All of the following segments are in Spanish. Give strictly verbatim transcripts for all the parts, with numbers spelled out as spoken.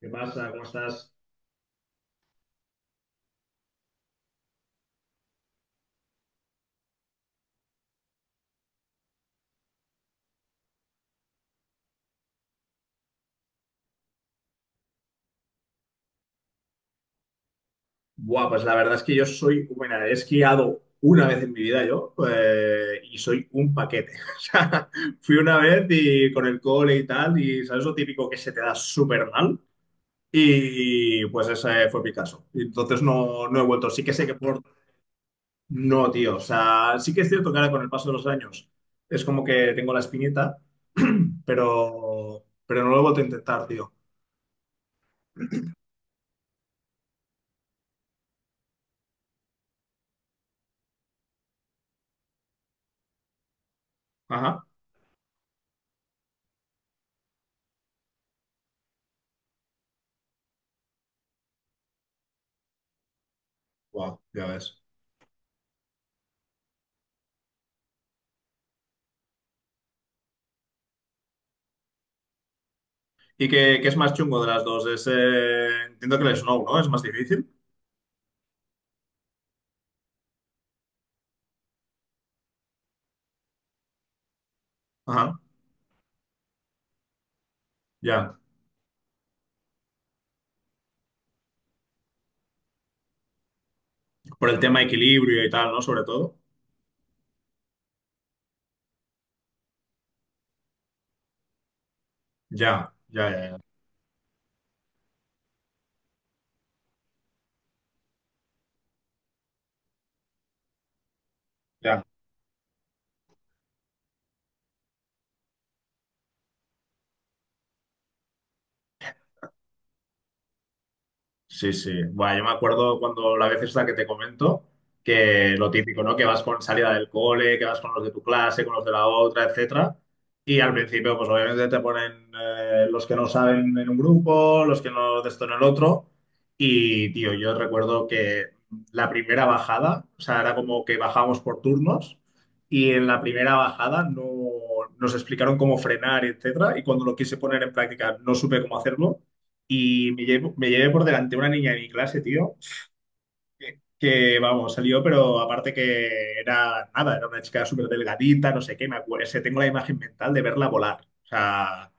¿Qué pasa? ¿Cómo estás? Buah, pues la verdad es que yo soy, bueno, he esquiado una vez en mi vida yo eh, y soy un paquete. O sea, fui una vez y con el cole y tal, y sabes lo típico que se te da súper mal. Y pues ese fue mi caso. Y entonces no, no he vuelto. Sí que sé que por... No, tío. O sea, sí que es cierto que ahora con el paso de los años es como que tengo la espinita, pero, pero no lo he vuelto a intentar, tío. Ajá. Wow, ya ves. ¿Y qué, qué es más chungo de las dos? Es, eh, entiendo que el snow, ¿no? Es más difícil. Ajá, ya. Por el tema equilibrio y tal, ¿no? Sobre todo. Ya, ya, ya, ya. Ya. Sí, sí. Bueno, yo me acuerdo cuando la vez esta que te comento, que lo típico, ¿no? Que vas con salida del cole, que vas con los de tu clase, con los de la otra, etcétera. Y al principio, pues obviamente te ponen eh, los que no saben en un grupo, los que no de esto en el otro. Y, tío, yo recuerdo que la primera bajada, o sea, era como que bajábamos por turnos y en la primera bajada no, nos explicaron cómo frenar, etcétera. Y cuando lo quise poner en práctica, no supe cómo hacerlo. Y me llevo- me llevé por delante una niña de mi clase, tío, que, que, vamos, salió, pero aparte que era nada, era una chica súper delgadita, no sé qué, me acuerdo, se tengo la imagen mental de verla volar. O sea,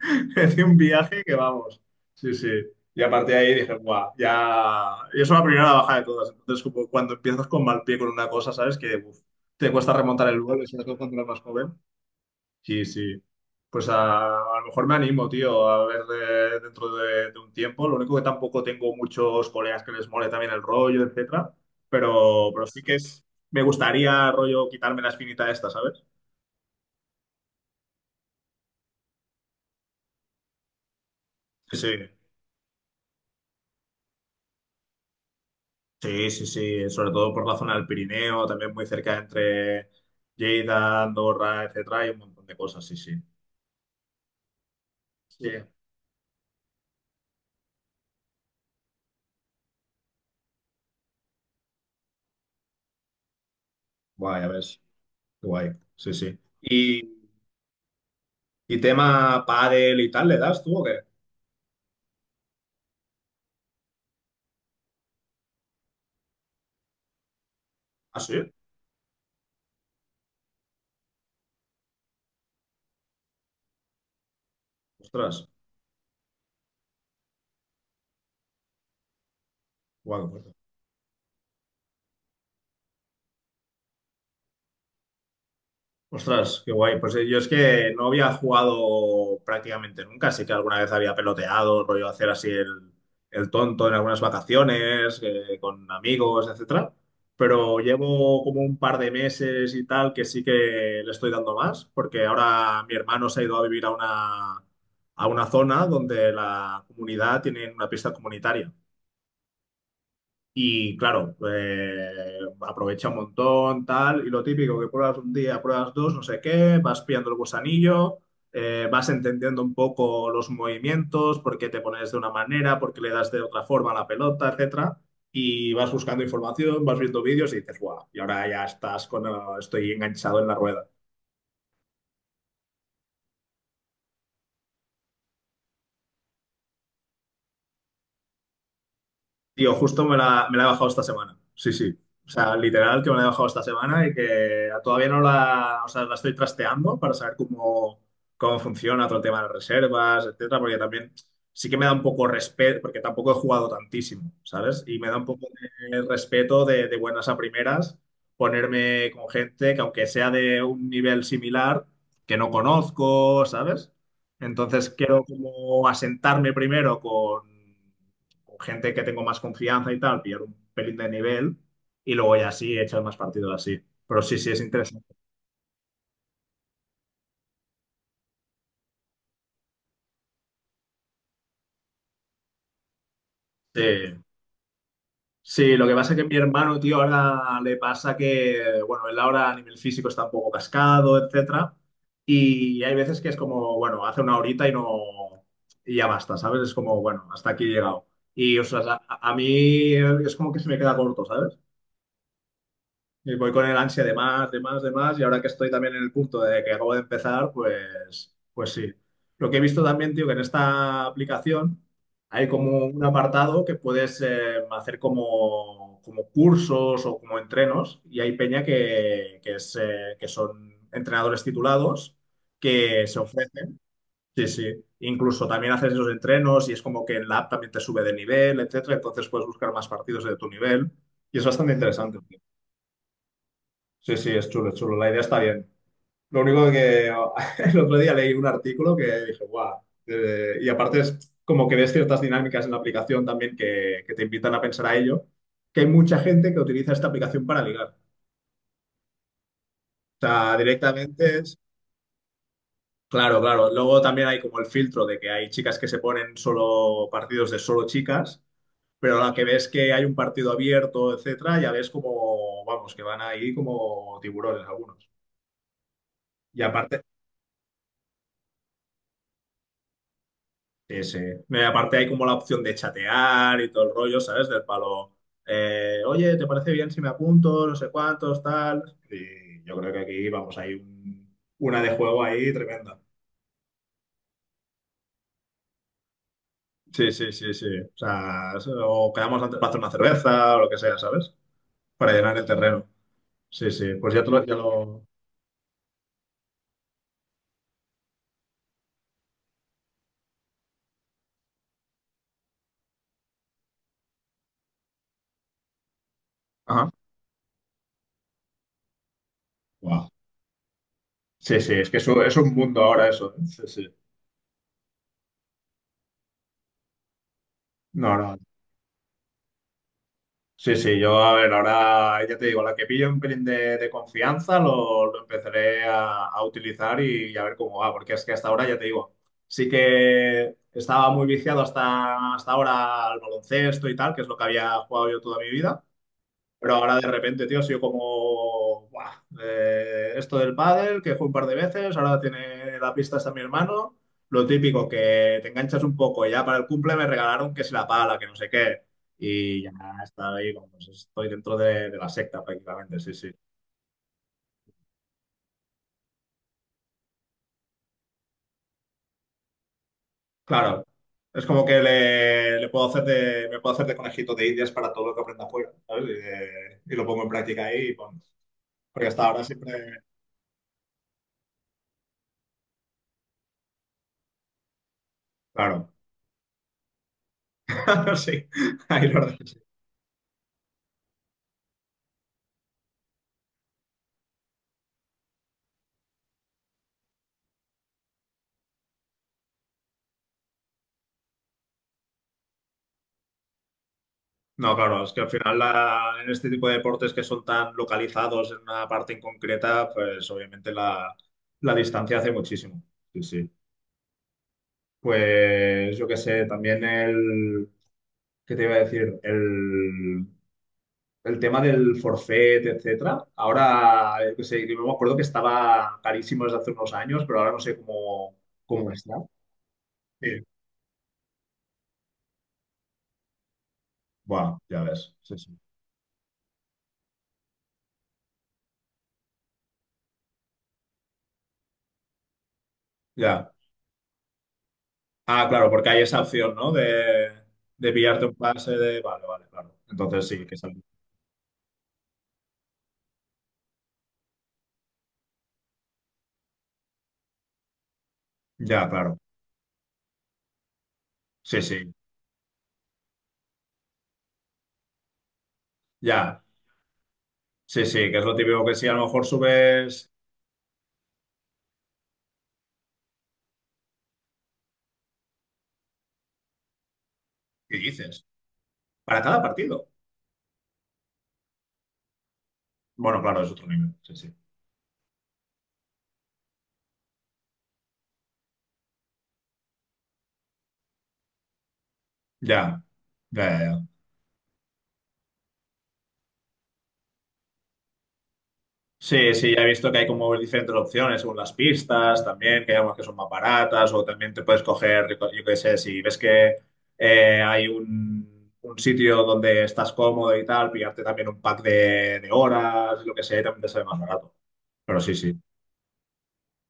de un viaje que vamos. Sí, sí. Y aparte de ahí dije, guau, ya. Y eso es la primera baja de todas. Entonces, como cuando empiezas con mal pie con una cosa, ¿sabes? Que uf, te cuesta remontar el vuelo, y sobre todo cuando eres más joven. Sí, sí. Pues a, a lo mejor me animo, tío, a ver de- dentro de, de un tiempo. Lo único que tampoco tengo muchos colegas que les mole también el rollo, etcétera. Pero, pero sí que es, me gustaría, rollo, quitarme la espinita esta, ¿sabes? Sí, sí, sí, sí, sí. Sobre todo por la zona del Pirineo, también muy cerca entre Lleida, Andorra, etcétera. Hay un montón de cosas, sí, sí. Sí. Guay, a ver, guay. Sí, sí. Y, y tema pádel y tal, ¿le das tú o qué? Ah, sí. Ostras. Guau, pues ostras, qué guay. Pues eh, yo es que no había jugado prácticamente nunca, así que alguna vez había peloteado, rollo hacer así el, el tonto en algunas vacaciones, eh, con amigos, etcétera. Pero llevo como un par de meses y tal que sí que le estoy dando más, porque ahora mi hermano se ha ido a vivir a una, a una zona donde la comunidad tiene una pista comunitaria. Y claro, eh, aprovecha un montón, tal, y lo típico que pruebas un día, pruebas dos, no sé qué, vas pillando el gusanillo, eh, vas entendiendo un poco los movimientos, por qué te pones de una manera, por qué le das de otra forma a la pelota, etcétera, y vas buscando información, vas viendo vídeos y dices, guau, y ahora ya estás con, eh, estoy enganchado en la rueda. Tío, justo me la, me la he bajado esta semana. Sí, sí. O sea, literal que me la he bajado esta semana y que todavía no la, o sea, la estoy trasteando para saber cómo, cómo funciona todo el tema de las reservas, etcétera, porque también sí que me da un poco respeto, porque tampoco he jugado tantísimo, ¿sabes? Y me da un poco de respeto de, de buenas a primeras ponerme con gente que aunque sea de un nivel similar, que no conozco, ¿sabes? Entonces quiero como asentarme primero con con gente que tengo más confianza y tal, pillar un pelín de nivel y luego ya sí echar más partido así. Pero sí, sí, es interesante. Sí. Sí, lo que pasa es que mi hermano, tío, ahora le pasa que, bueno, él ahora a nivel físico está un poco cascado, etcétera. Y hay veces que es como, bueno, hace una horita y no, y ya basta, ¿sabes? Es como, bueno, hasta aquí he llegado. Y, o sea, a, a mí es como que se me queda corto, ¿sabes? Y voy con el ansia de más, de más, de más, y ahora que estoy también en el punto de que acabo de empezar, pues, pues sí. Lo que he visto también, tío, que en esta aplicación hay como un apartado que puedes eh, hacer como, como cursos o como entrenos, y hay peña que, que, es, eh, que son entrenadores titulados que se ofrecen. Sí, sí. Incluso también haces esos entrenos y es como que en la app también te sube de nivel, etcétera. Entonces puedes buscar más partidos de tu nivel y es bastante interesante. Sí, sí, es chulo, es chulo. La idea está bien. Lo único que el otro día leí un artículo que dije, guau. Eh, y aparte es como que ves ciertas dinámicas en la aplicación también que, que te invitan a pensar a ello, que hay mucha gente que utiliza esta aplicación para ligar. O sea, directamente es... Claro, claro. Luego también hay como el filtro de que hay chicas que se ponen solo partidos de solo chicas, pero a la que ves que hay un partido abierto, etcétera, ya ves como, vamos, que van ahí como tiburones algunos. Y aparte, sí, sí. No, y aparte hay como la opción de chatear y todo el rollo, ¿sabes? Del palo, eh, oye, ¿te parece bien si me apunto? No sé cuántos, tal. Y yo creo que aquí, vamos, hay un- una de juego ahí tremenda. Sí, sí, sí, sí. O sea, o quedamos antes para hacer una cerveza o lo que sea, ¿sabes? Para llenar el terreno. Sí, sí. Pues ya, te lo, ya lo... Ajá. Guau. Sí, sí, es que es un, es un mundo ahora eso. ¿Eh? Sí, sí. No, no. Sí, sí, yo a ver, ahora ya te digo, la que pillo un pelín de, de confianza lo, lo empezaré a, a utilizar y, y a ver cómo va, porque es que hasta ahora ya te digo, sí que estaba muy viciado hasta, hasta ahora al baloncesto y tal, que es lo que había jugado yo toda mi vida, pero ahora de repente, tío, ha sido como, "Buah, eh, esto del pádel, que fue un par de veces, ahora tiene la pista hasta mi hermano, lo típico, que te enganchas un poco, y ya para el cumple me regalaron que si la pala, que no sé qué, y ya está ahí, como, pues, estoy dentro de, de la secta prácticamente, sí, sí. Claro, es como que le, le puedo hacer de, me puedo hacer de conejito de indias para todo lo que aprenda afuera, ¿sabes? Y, de- y lo pongo en práctica ahí, y, pon- porque hasta ahora siempre, claro, sí, ahí lo ordené. No, claro, es que al final la- en este tipo de deportes que son tan localizados en una parte en concreta, pues obviamente la, la distancia hace muchísimo. Sí, sí. Pues yo qué sé, también el, ¿qué te iba a decir? El, el tema del forfait, etcétera. Ahora, yo qué sé, yo me acuerdo que estaba carísimo desde hace unos años, pero ahora no sé cómo, cómo está. Sí. Bueno, ya ves. Sí, sí. Ya. Ah, claro, porque hay esa opción, ¿no? De, de pillarte un pase de... Vale, vale, claro. Entonces sí, que sale. Ya, claro. Sí, sí. Ya. Sí, sí, que es lo típico que si a lo mejor subes... ¿Qué dices? Para cada partido. Bueno, claro, es otro nivel. Sí, sí. Ya. Ya, ya, ya. Sí, sí, ya he visto que hay como diferentes opciones según las pistas, también, que hay algunas que son más baratas, o también te puedes coger, yo qué sé, si ves que eh, hay un, un sitio donde estás cómodo y tal, pillarte también un pack de, de horas, lo que sea, y también te sale más barato. Pero sí, sí.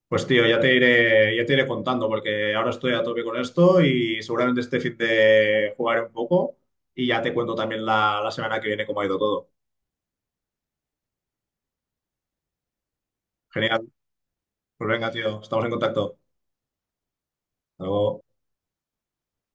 Pues tío, ya te iré, ya te iré contando, porque ahora estoy a tope con esto y seguramente este fin de jugaré un poco y ya te cuento también la, la semana que viene cómo ha ido todo. Genial. Pues venga, tío, estamos en contacto. Hasta luego.